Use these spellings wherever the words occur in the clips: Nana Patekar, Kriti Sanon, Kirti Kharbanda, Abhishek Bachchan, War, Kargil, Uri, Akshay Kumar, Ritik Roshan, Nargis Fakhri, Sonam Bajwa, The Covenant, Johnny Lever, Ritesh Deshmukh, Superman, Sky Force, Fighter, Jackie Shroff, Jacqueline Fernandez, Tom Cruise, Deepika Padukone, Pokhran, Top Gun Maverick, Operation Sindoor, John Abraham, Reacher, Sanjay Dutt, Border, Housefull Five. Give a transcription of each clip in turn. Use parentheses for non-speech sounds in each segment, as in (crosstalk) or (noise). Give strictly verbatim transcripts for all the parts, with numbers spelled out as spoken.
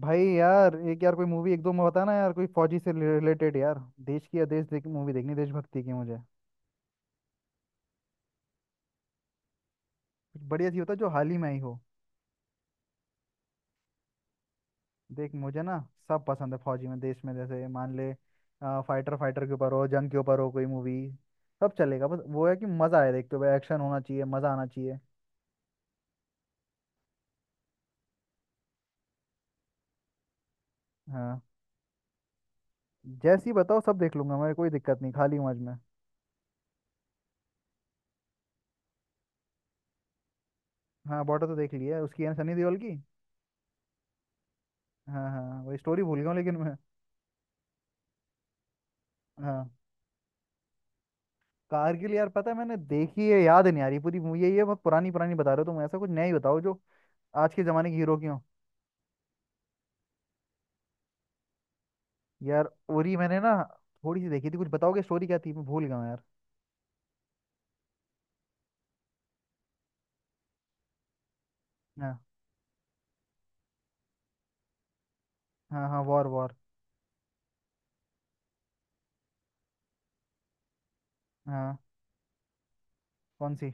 भाई यार, एक यार कोई मूवी एक दो में बताना यार, कोई फौजी से रिलेटेड यार। देश की या देश देख मूवी देखनी, देशभक्ति की मुझे। कुछ बढ़िया सी होता जो हाल ही में आई हो। देख मुझे ना, सब पसंद है फौजी में, देश में, जैसे मान ले फाइटर, फाइटर के ऊपर हो, जंग के ऊपर हो कोई मूवी। सब चलेगा, बस वो है कि मजा आए देखते हुए, एक्शन होना चाहिए, मजा आना चाहिए। हाँ। जैसी बताओ, सब देख लूंगा मेरे, कोई दिक्कत नहीं, खाली हूँ आज मैं। हाँ, बॉर्डर तो देख लिया है, उसकी है ना, सनी देओल की। हाँ हाँ वही। स्टोरी भूल गया हूँ लेकिन मैं। हाँ। कारगिल यार, पता है मैंने देखी है, याद नहीं आ रही पूरी मूवी है ये। बहुत पुरानी पुरानी बता रहे हो तुम, ऐसा कुछ नया ही बताओ जो आज के जमाने की हीरो की हो। यार उरी मैंने ना, थोड़ी सी देखी थी। कुछ बताओगे स्टोरी क्या थी, मैं भूल गया हूँ यार। हाँ हाँ हाँ वॉर, वॉर। हाँ। कौन सी?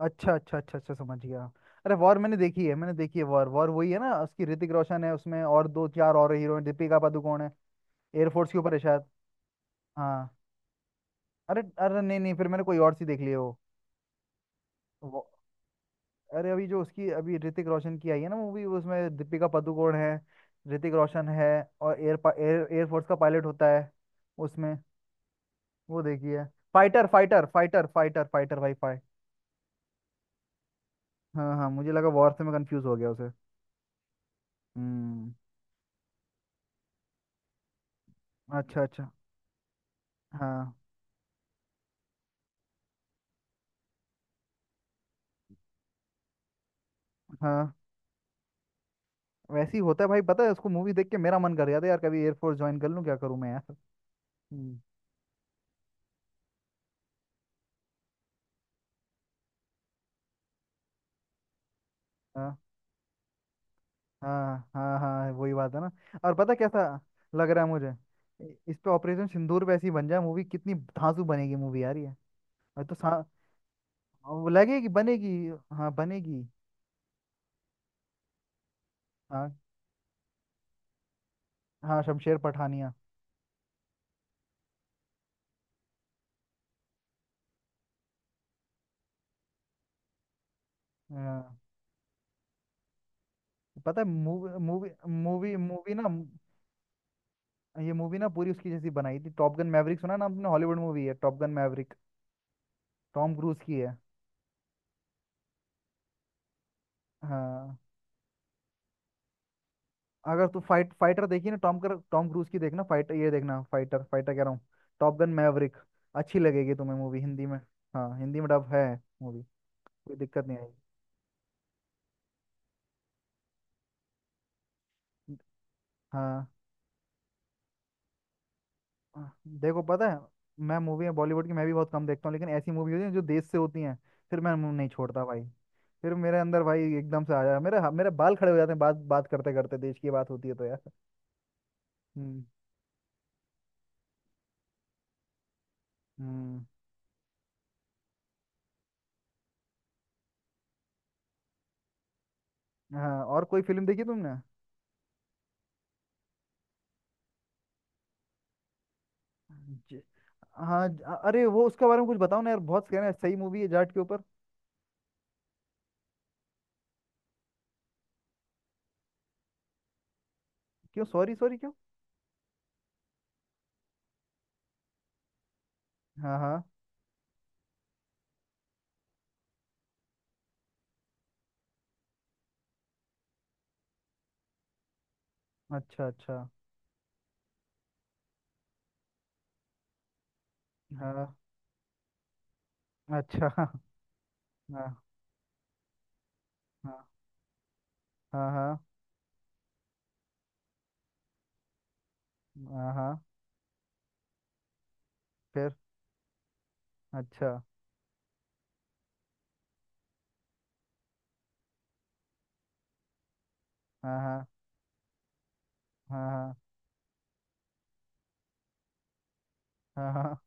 अच्छा अच्छा अच्छा अच्छा, समझ गया। अरे वॉर मैंने देखी है, मैंने देखी है वॉर। वॉर वही है ना, उसकी ऋतिक रोशन है उसमें, और दो चार और हीरो हैं, दीपिका पादुकोण है। एयरफोर्स के ऊपर है शायद। हाँ। अरे अरे नहीं नहीं, फिर मैंने कोई और सी देख ली है वो। अरे अभी जो उसकी अभी ऋतिक रोशन की आई है ना मूवी, उसमें दीपिका पादुकोण है, ऋतिक रोशन है, और एयर एयर एयरफोर्स का पायलट होता है उसमें। वो देखी है। Fighter fighter fighter fighter fighter भाई, फाइट। हाँ हाँ, मुझे लगा वॉर से, मैं कंफ्यूज हो गया उसे। हम्म। अच्छा अच्छा। हाँ। हाँ। वैसे ही होता है भाई, पता है उसको मूवी देख के मेरा मन कर गया था यार, कभी एयरफोर्स ज्वाइन कर लूं, क्या करूं मैं यार। हम्म हाँ। हाँ हाँ हाँ वही बात है ना। और पता कैसा लग रहा है मुझे। इ- इस पे ऑपरेशन सिंदूर पे ऐसी बन जाए मूवी, कितनी धांसू बनेगी मूवी यार ये। और तो सा, वो लगेगी, बनेगी। हाँ बनेगी। हाँ, हाँ शमशेर पठानिया। हाँ। पता है मूवी मूवी मूवी मूवी ना, ये मूवी ना पूरी उसकी जैसी बनाई थी टॉप गन मैवरिक, सुना ना आपने? हॉलीवुड मूवी है Top Gun Maverick, Tom Cruise की है। हाँ। अगर तू फाइट फाइटर देखी ना, टॉम कर टॉम क्रूज की देखना। फाइटर ये देखना, फाइटर, फाइटर कह रहा हूँ, टॉप गन मैवरिक। अच्छी लगेगी तुम्हें मूवी, हिंदी में। हाँ, हिंदी में डब है मूवी। कोई दिक्कत नहीं आएगी। हाँ, हाँ, देखो पता है, मैं मूवी में बॉलीवुड की मैं भी बहुत कम देखता हूँ, लेकिन ऐसी मूवी होती है जो देश से होती हैं, फिर मैं मुंह नहीं छोड़ता भाई। फिर मेरे अंदर भाई एकदम से आ जाए, मेरे मेरे बाल खड़े हो जाते हैं। बात बात करते करते देश की बात होती है तो यार। हम्म। हम्म। हाँ, और कोई फिल्म देखी तुमने? हाँ ज- अ- अरे वो, उसके बारे में कुछ बताओ ना यार, बहुत कहना है, सही मूवी है जाट के ऊपर। क्यों सॉरी, सॉरी क्यों? हाँ हाँ। अच्छा अच्छा। हाँ। अच्छा। (laughs) हाँ। हाँ हाँ। हाँ, हाँ हाँ, फिर अच्छा। हाँ हाँ हाँ। हाँ हाँ हाँ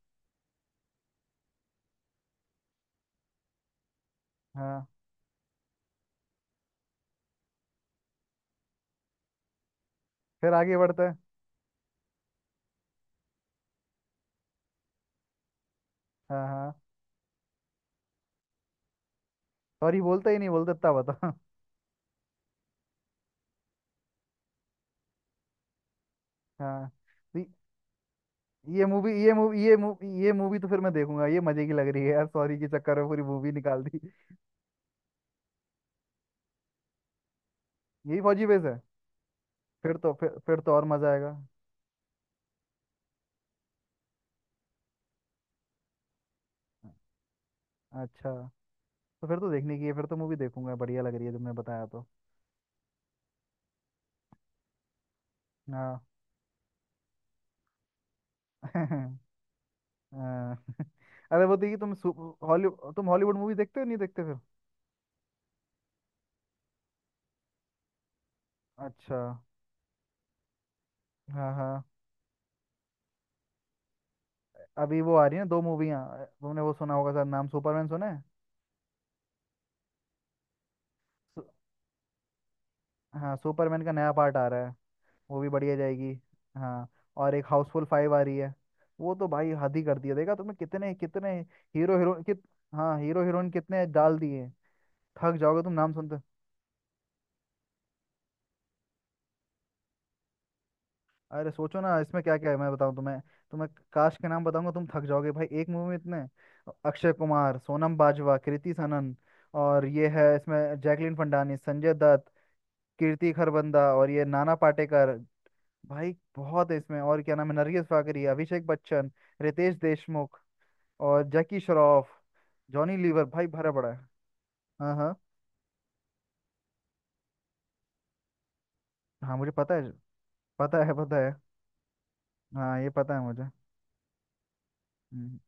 हाँ। फिर आगे बढ़ता है। हाँ हाँ। सॉरी बोलता ही नहीं, बोलता इतना बता। हाँ। तो ये, ये मूवी ये मूवी ये मूवी ये मूवी तो फिर मैं देखूंगा, ये मजे की लग रही है यार, सॉरी के चक्कर में पूरी मूवी निकाल दी। यही फौजी बेस है? फिर तो, फिर फिर तो और मजा आएगा। अच्छा। तो फिर तो देखने की है, फिर तो मूवी देखूंगा, बढ़िया लग रही है तुमने बताया तो। हाँ। (laughs) हाँ। (laughs) अरे वो देखिए तुम, हॉलीवुड, तुम हॉलीवुड मूवी देखते हो, नहीं देखते फिर? अच्छा। हाँ हाँ। अभी वो आ रही है ना दो मूवियाँ, तुमने वो सुना होगा शायद नाम, सुपरमैन सुना है? सु, हाँ, सुपरमैन का नया पार्ट आ रहा है, वो भी बढ़िया जाएगी। हाँ। और एक हाउसफुल फाइव आ रही है, वो तो भाई हद ही कर दिया, देखा तुमने कितने कितने हीरो हीरो कित हाँ, हीरो हीरोइन कितने डाल दिए। थक जाओगे तुम नाम सुनते। अरे सोचो ना इसमें क्या क्या है, मैं बताऊं तुम्हें, तुम्हें काश के नाम बताऊंगा तुम थक जाओगे, भाई एक मूवी में इतने। अक्षय कुमार, सोनम बाजवा, कृति सनन, और ये है इसमें जैकलीन फंडानी, संजय दत्त, कीर्ति खरबंदा, और ये नाना पाटेकर। भाई बहुत है इसमें, और क्या नाम है, नरगिस फाकरी, अभिषेक बच्चन, रितेश देशमुख, और जैकी श्रॉफ, जॉनी लीवर, भाई भरा पड़ा है। हाँ हाँ, हाँ मुझे पता है। पता है, पता है। हाँ ये पता है मुझे। हम्म।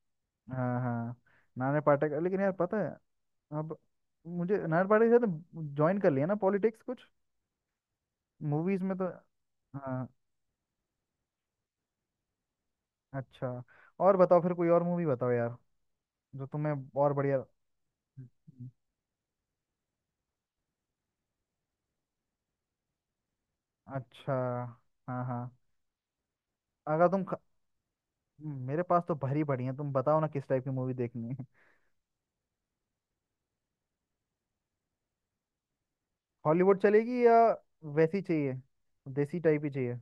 हाँ हाँ। नाना पाटेकर, लेकिन यार पता है, अब मुझे नायर पार्टी के साथ ज्वाइन कर लिया ना, पॉलिटिक्स कुछ मूवीज में तो। हाँ। अच्छा। और बताओ फिर कोई और मूवी बताओ यार, जो तुम्हें और बढ़िया। अच्छा। हाँ हाँ। अगर तुम ख... मेरे पास तो भरी पड़ी है, तुम बताओ ना किस टाइप की मूवी देखनी है। हॉलीवुड चलेगी या वैसी चाहिए, देसी टाइप ही चाहिए?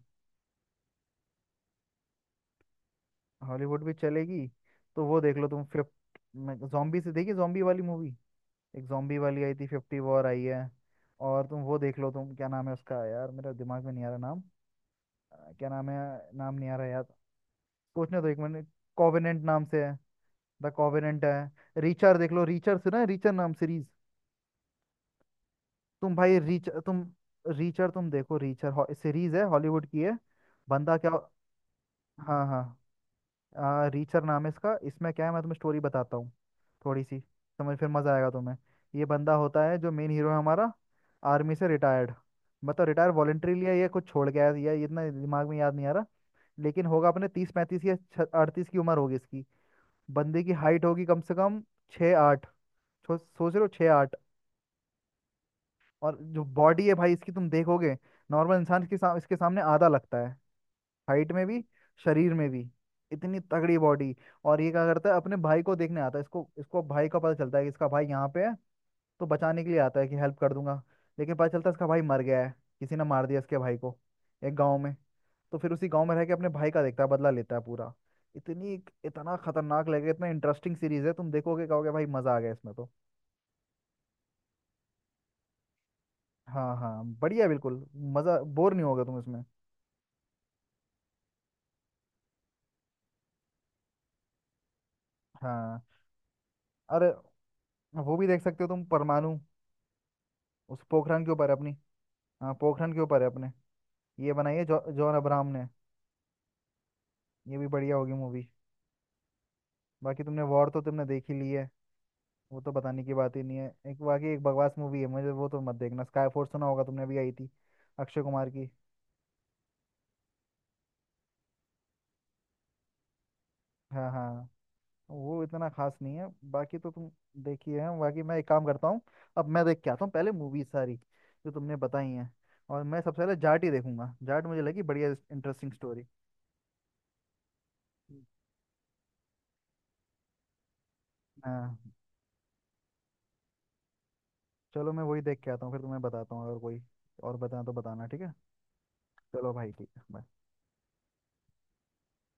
हॉलीवुड भी चलेगी। तो वो देख लो तुम, फिफ्थ में जॉम्बी से, देखी जॉम्बी वाली मूवी? एक जॉम्बी वाली आई थी, फिफ्टी वॉर आई है। और तुम वो देख लो, तुम क्या नाम है उसका, यार मेरा दिमाग में नहीं आ रहा नाम। अ, क्या नाम है, नाम नहीं आ रहा यार। सोचने दो एक मिनट। कॉवेनेंट नाम से है, द कॉवेनेंट है। रीचर देख लो, रीचर सुना है? रीचर नाम सीरीज। तुम भाई रीच तुम रीचर तुम देखो, रीचर सीरीज है, हॉलीवुड की है। बंदा क्या। हाँ हाँ। आ, रीचर नाम है इसका, इसमें क्या है मैं तुम्हें स्टोरी बताता हूँ थोड़ी सी, समझ, फिर मज़ा आएगा तुम्हें। ये बंदा होता है जो मेन हीरो है हमारा, आर्मी से रिटायर्ड। मतलब रिटायर, वॉलेंट्री लिया या कुछ छोड़ गया है, या ये इतना दिमाग में याद नहीं आ रहा। लेकिन होगा अपने तीस पैंतीस या अड़तीस की उम्र होगी इसकी। बंदे की हाइट होगी कम से कम छः आठ, छो- सोच रहे हो, छः आठ। और जो बॉडी है भाई इसकी, तुम देखोगे नॉर्मल इंसान के साम, इसके सामने आधा लगता है, हाइट में भी, शरीर में भी, इतनी तगड़ी बॉडी। और ये क्या करता है, अपने भाई को देखने आता है, इसको इसको भाई का पता चलता है कि इसका भाई यहाँ पे है, तो बचाने के लिए आता है कि हेल्प कर दूंगा, लेकिन पता चलता है इसका भाई मर गया है, किसी ने मार दिया इसके भाई को एक गांव में। तो फिर उसी गांव में रह के अपने भाई का देखता है, बदला लेता है पूरा। इतनी इतना खतरनाक लगेगा, इतना इंटरेस्टिंग सीरीज है, तुम देखोगे कहोगे भाई मजा आ गया इसमें तो। हाँ हाँ बढ़िया, बिल्कुल मजा, बोर नहीं होगा तुम इसमें। हाँ। अरे वो भी देख सकते हो तुम, परमाणु, उस पोखरण के ऊपर है अपनी। हाँ, पोखरण के ऊपर है अपने, ये बनाई है जॉ, जॉन अब्राहम ने। ये भी बढ़िया होगी मूवी। बाकी तुमने वॉर तो तुमने देख ही ली है, वो तो बताने की बात ही नहीं है। एक बाकी एक बकवास मूवी है मुझे, वो तो मत देखना, स्काई फोर्स सुना होगा तुमने, अभी आई थी अक्षय कुमार की। हाँ हाँ, वो इतना खास नहीं है। बाकी तो तुम, देखी है बाकी। मैं एक काम करता हूँ, अब मैं देख के आता हूँ पहले मूवी सारी जो तुमने बताई हैं, और मैं सबसे पहले जाट ही देखूंगा, जाट मुझे लगी बढ़िया, इंटरेस्टिंग स्टोरी। हाँ। चलो मैं वही देख के आता हूँ, फिर तुम्हें बताता हूँ। अगर कोई और बताना तो बताना, ठीक है। चलो भाई, ठीक है bye।